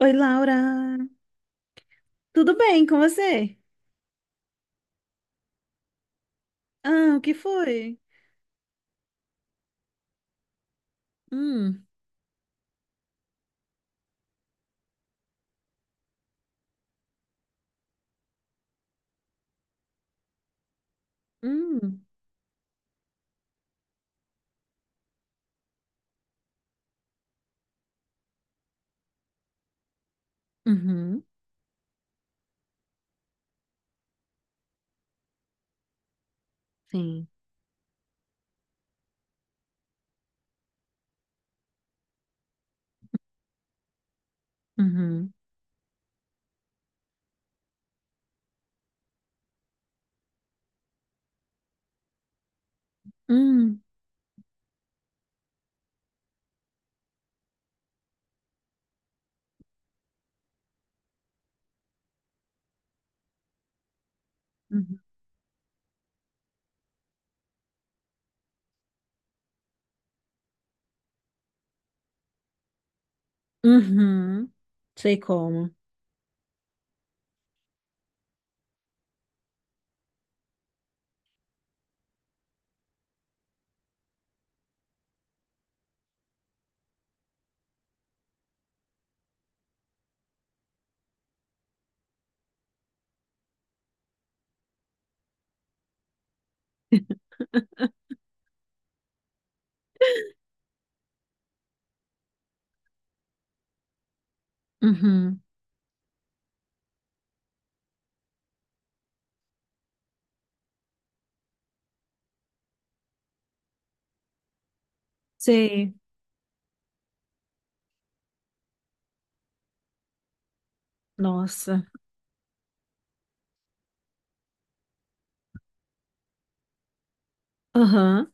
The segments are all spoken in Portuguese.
Oi, Laura. Tudo bem com você? Ah, o que foi? Hum. Hum. Uhum. Sim. Uhum. Hum. Uhum. Uhum. Sei como. Uhum. Sei. Nossa. Aham.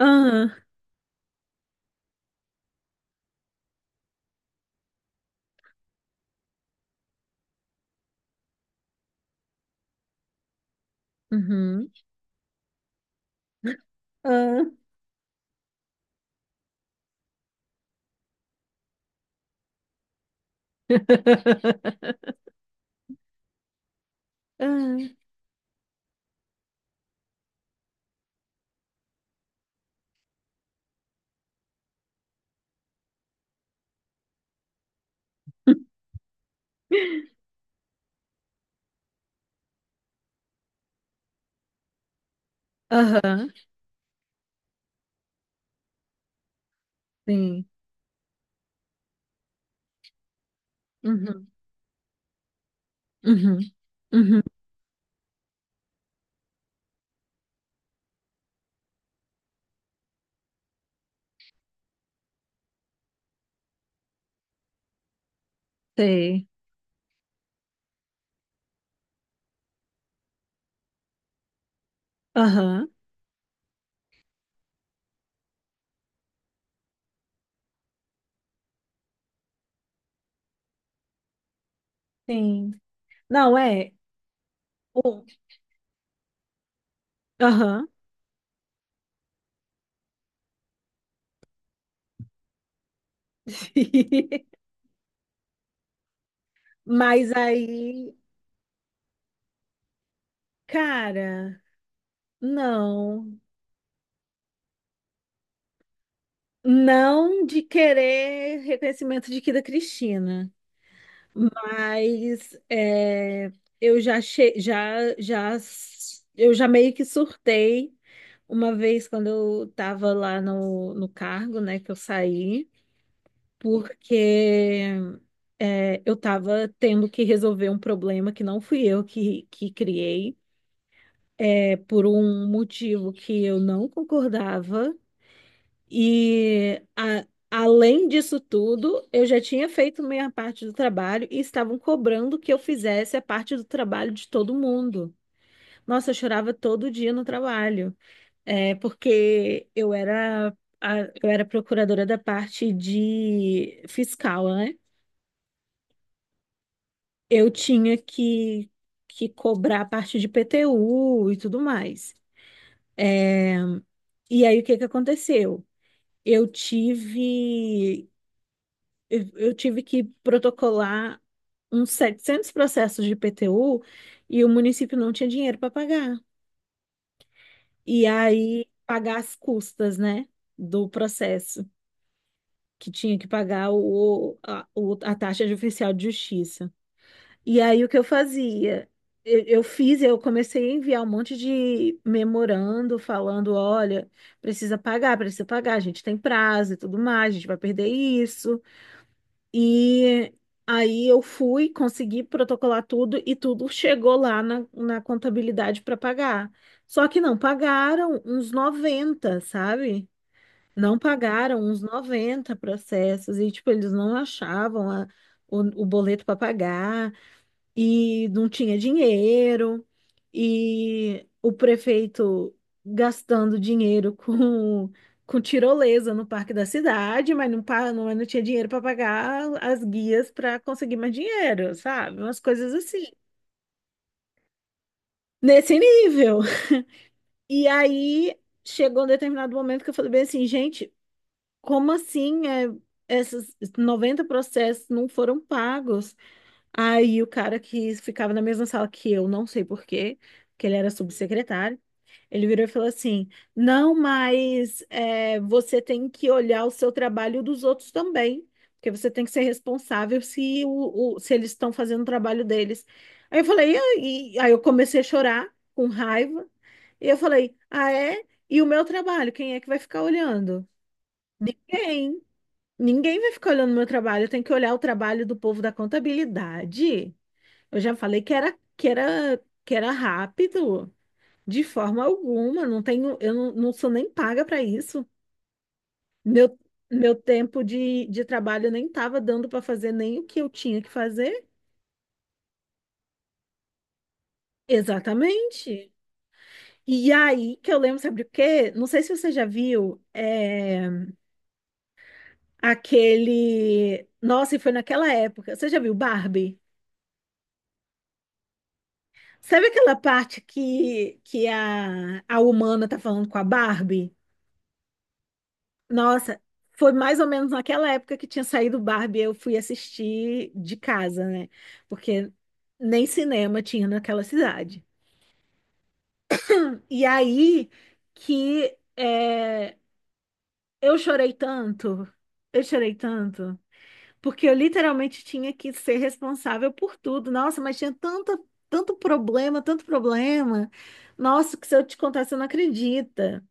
Aham. Uhum. Ah. Ah. Aham. Sim. Uhum. Uhum. Uhum. Sei. Aham. Sim. Não, é. o- Aham. Mas aí, cara, não. Não de querer reconhecimento de que da Cristina, mas é, eu já, eu já meio que surtei uma vez quando eu estava lá no cargo, né, que eu saí, porque é, eu estava tendo que resolver um problema que não fui eu que criei. É, por um motivo que eu não concordava, e além disso tudo, eu já tinha feito minha parte do trabalho e estavam cobrando que eu fizesse a parte do trabalho de todo mundo. Nossa, eu chorava todo dia no trabalho, é, porque eu era procuradora da parte de fiscal, né? Eu tinha que, cobrar a parte de PTU e tudo mais. E aí, o que que aconteceu? eu tive eu tive que protocolar uns 700 processos de IPTU e o município não tinha dinheiro para pagar. E aí pagar as custas, né, do processo, que tinha que pagar o, a, a taxa de oficial de justiça. E aí o que eu fazia? Eu comecei a enviar um monte de memorando falando, olha, precisa pagar, a gente tem prazo e tudo mais, a gente vai perder isso. E aí eu fui, consegui protocolar tudo e tudo chegou lá na contabilidade para pagar. Só que não pagaram uns 90, sabe? Não pagaram uns noventa processos e, tipo, eles não achavam o boleto para pagar e não tinha dinheiro, e o prefeito gastando dinheiro com tirolesa no parque da cidade, mas não, não tinha dinheiro para pagar as guias para conseguir mais dinheiro, sabe? Umas coisas assim, nesse nível. E aí chegou um determinado momento que eu falei bem assim, gente, como assim é, esses 90 processos não foram pagos? Aí o cara que ficava na mesma sala que eu, não sei por quê, que ele era subsecretário, ele virou e falou assim: Não, mas é, você tem que olhar o seu trabalho dos outros também, porque você tem que ser responsável se, se eles estão fazendo o trabalho deles. Aí eu falei, aí eu comecei a chorar com raiva, e eu falei, ah, é? E o meu trabalho, quem é que vai ficar olhando? Quem? Ninguém vai ficar olhando o meu trabalho, eu tenho que olhar o trabalho do povo da contabilidade. Eu já falei que era rápido, de forma alguma. Não tenho, eu não, não sou nem paga para isso. Meu meu tempo de trabalho nem estava dando para fazer nem o que eu tinha que fazer. Exatamente. E aí que eu lembro, sabe o quê? Não sei se você já viu é, aquele. Nossa, e foi naquela época. Você já viu Barbie? Sabe aquela parte que, a humana tá falando com a Barbie? Nossa, foi mais ou menos naquela época que tinha saído Barbie, eu fui assistir de casa, né? Porque nem cinema tinha naquela cidade. E aí que é, eu chorei tanto, eu chorei tanto, porque eu literalmente tinha que ser responsável por tudo. Nossa, mas tinha tanta, tanto problema, tanto problema. Nossa, que se eu te contar, você não acredita.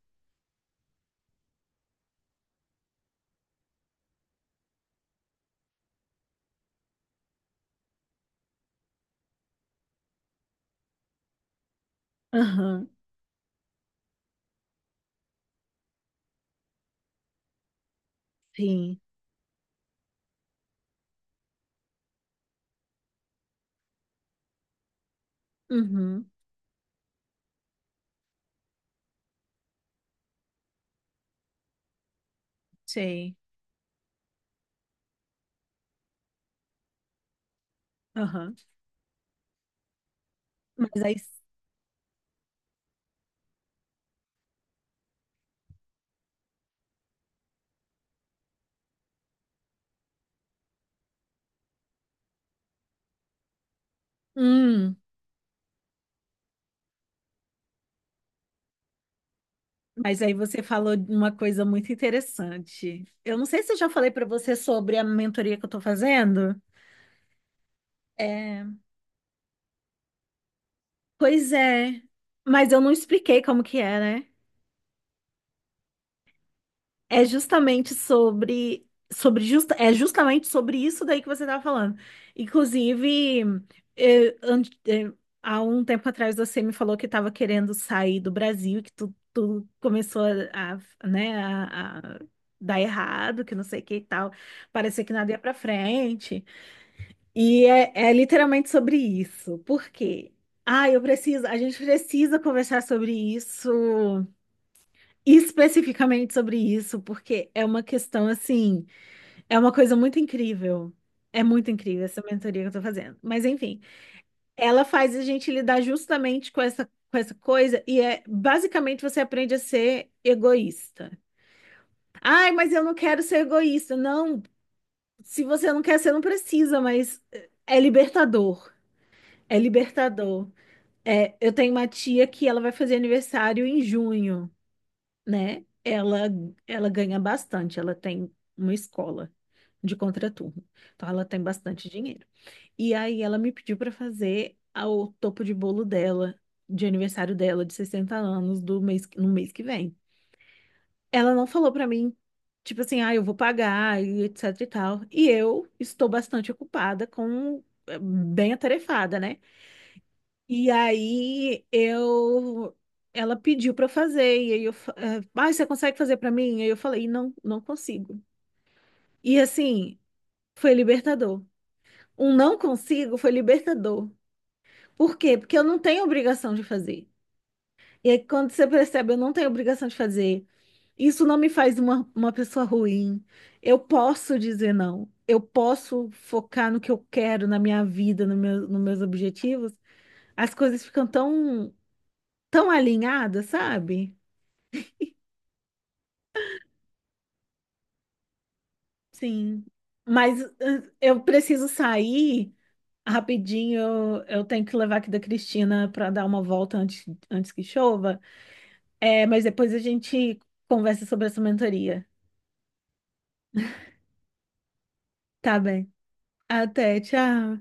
Aham. Sim. Uhum. Sei. Aham. Mas aí. Hum. Mas aí você falou de uma coisa muito interessante. Eu não sei se eu já falei para você sobre a mentoria que eu estou fazendo. É, pois é, mas eu não expliquei como que é, né? É justamente sobre, é justamente sobre isso daí que você estava falando. Inclusive, eh, an- eh, há um tempo atrás você me falou que estava querendo sair do Brasil, que tu começou a, né, a dar errado, que não sei o que e tal. Parecia que nada ia para frente. E é, é literalmente sobre isso. Por quê? A gente precisa conversar sobre isso, especificamente sobre isso, porque é uma questão assim, é uma coisa muito incrível. É muito incrível essa mentoria que eu tô fazendo. Mas enfim, ela faz a gente lidar justamente com essa coisa e é basicamente você aprende a ser egoísta. Ai, mas eu não quero ser egoísta. Não, se você não quer ser, não precisa, mas é libertador. É libertador. É, eu tenho uma tia que ela vai fazer aniversário em junho. Né? Ela ganha bastante, ela tem uma escola de contraturno, então ela tem bastante dinheiro. E aí ela me pediu para fazer o topo de bolo dela, de aniversário dela, de 60 anos, do mês, no mês que vem. Ela não falou para mim, tipo assim, ah, eu vou pagar e etc e tal. E eu estou bastante ocupada com, bem atarefada, né? E aí eu ela pediu para fazer e aí eu, fa- eh, ah, você consegue fazer para mim? E aí eu falei, não, não consigo. E assim, foi libertador. Um não consigo foi libertador. Por quê? Porque eu não tenho obrigação de fazer. E aí quando você percebe, eu não tenho obrigação de fazer. Isso não me faz uma pessoa ruim. Eu posso dizer não. Eu posso focar no que eu quero, na minha vida, no meu, nos meus objetivos. As coisas ficam tão, tão alinhada, sabe? Sim. Mas eh, eu preciso sair rapidinho. Eu tenho que levar aqui da Cristina para dar uma volta antes, antes que chova. É, mas depois a gente conversa sobre essa mentoria. Tá bem. Até, tchau.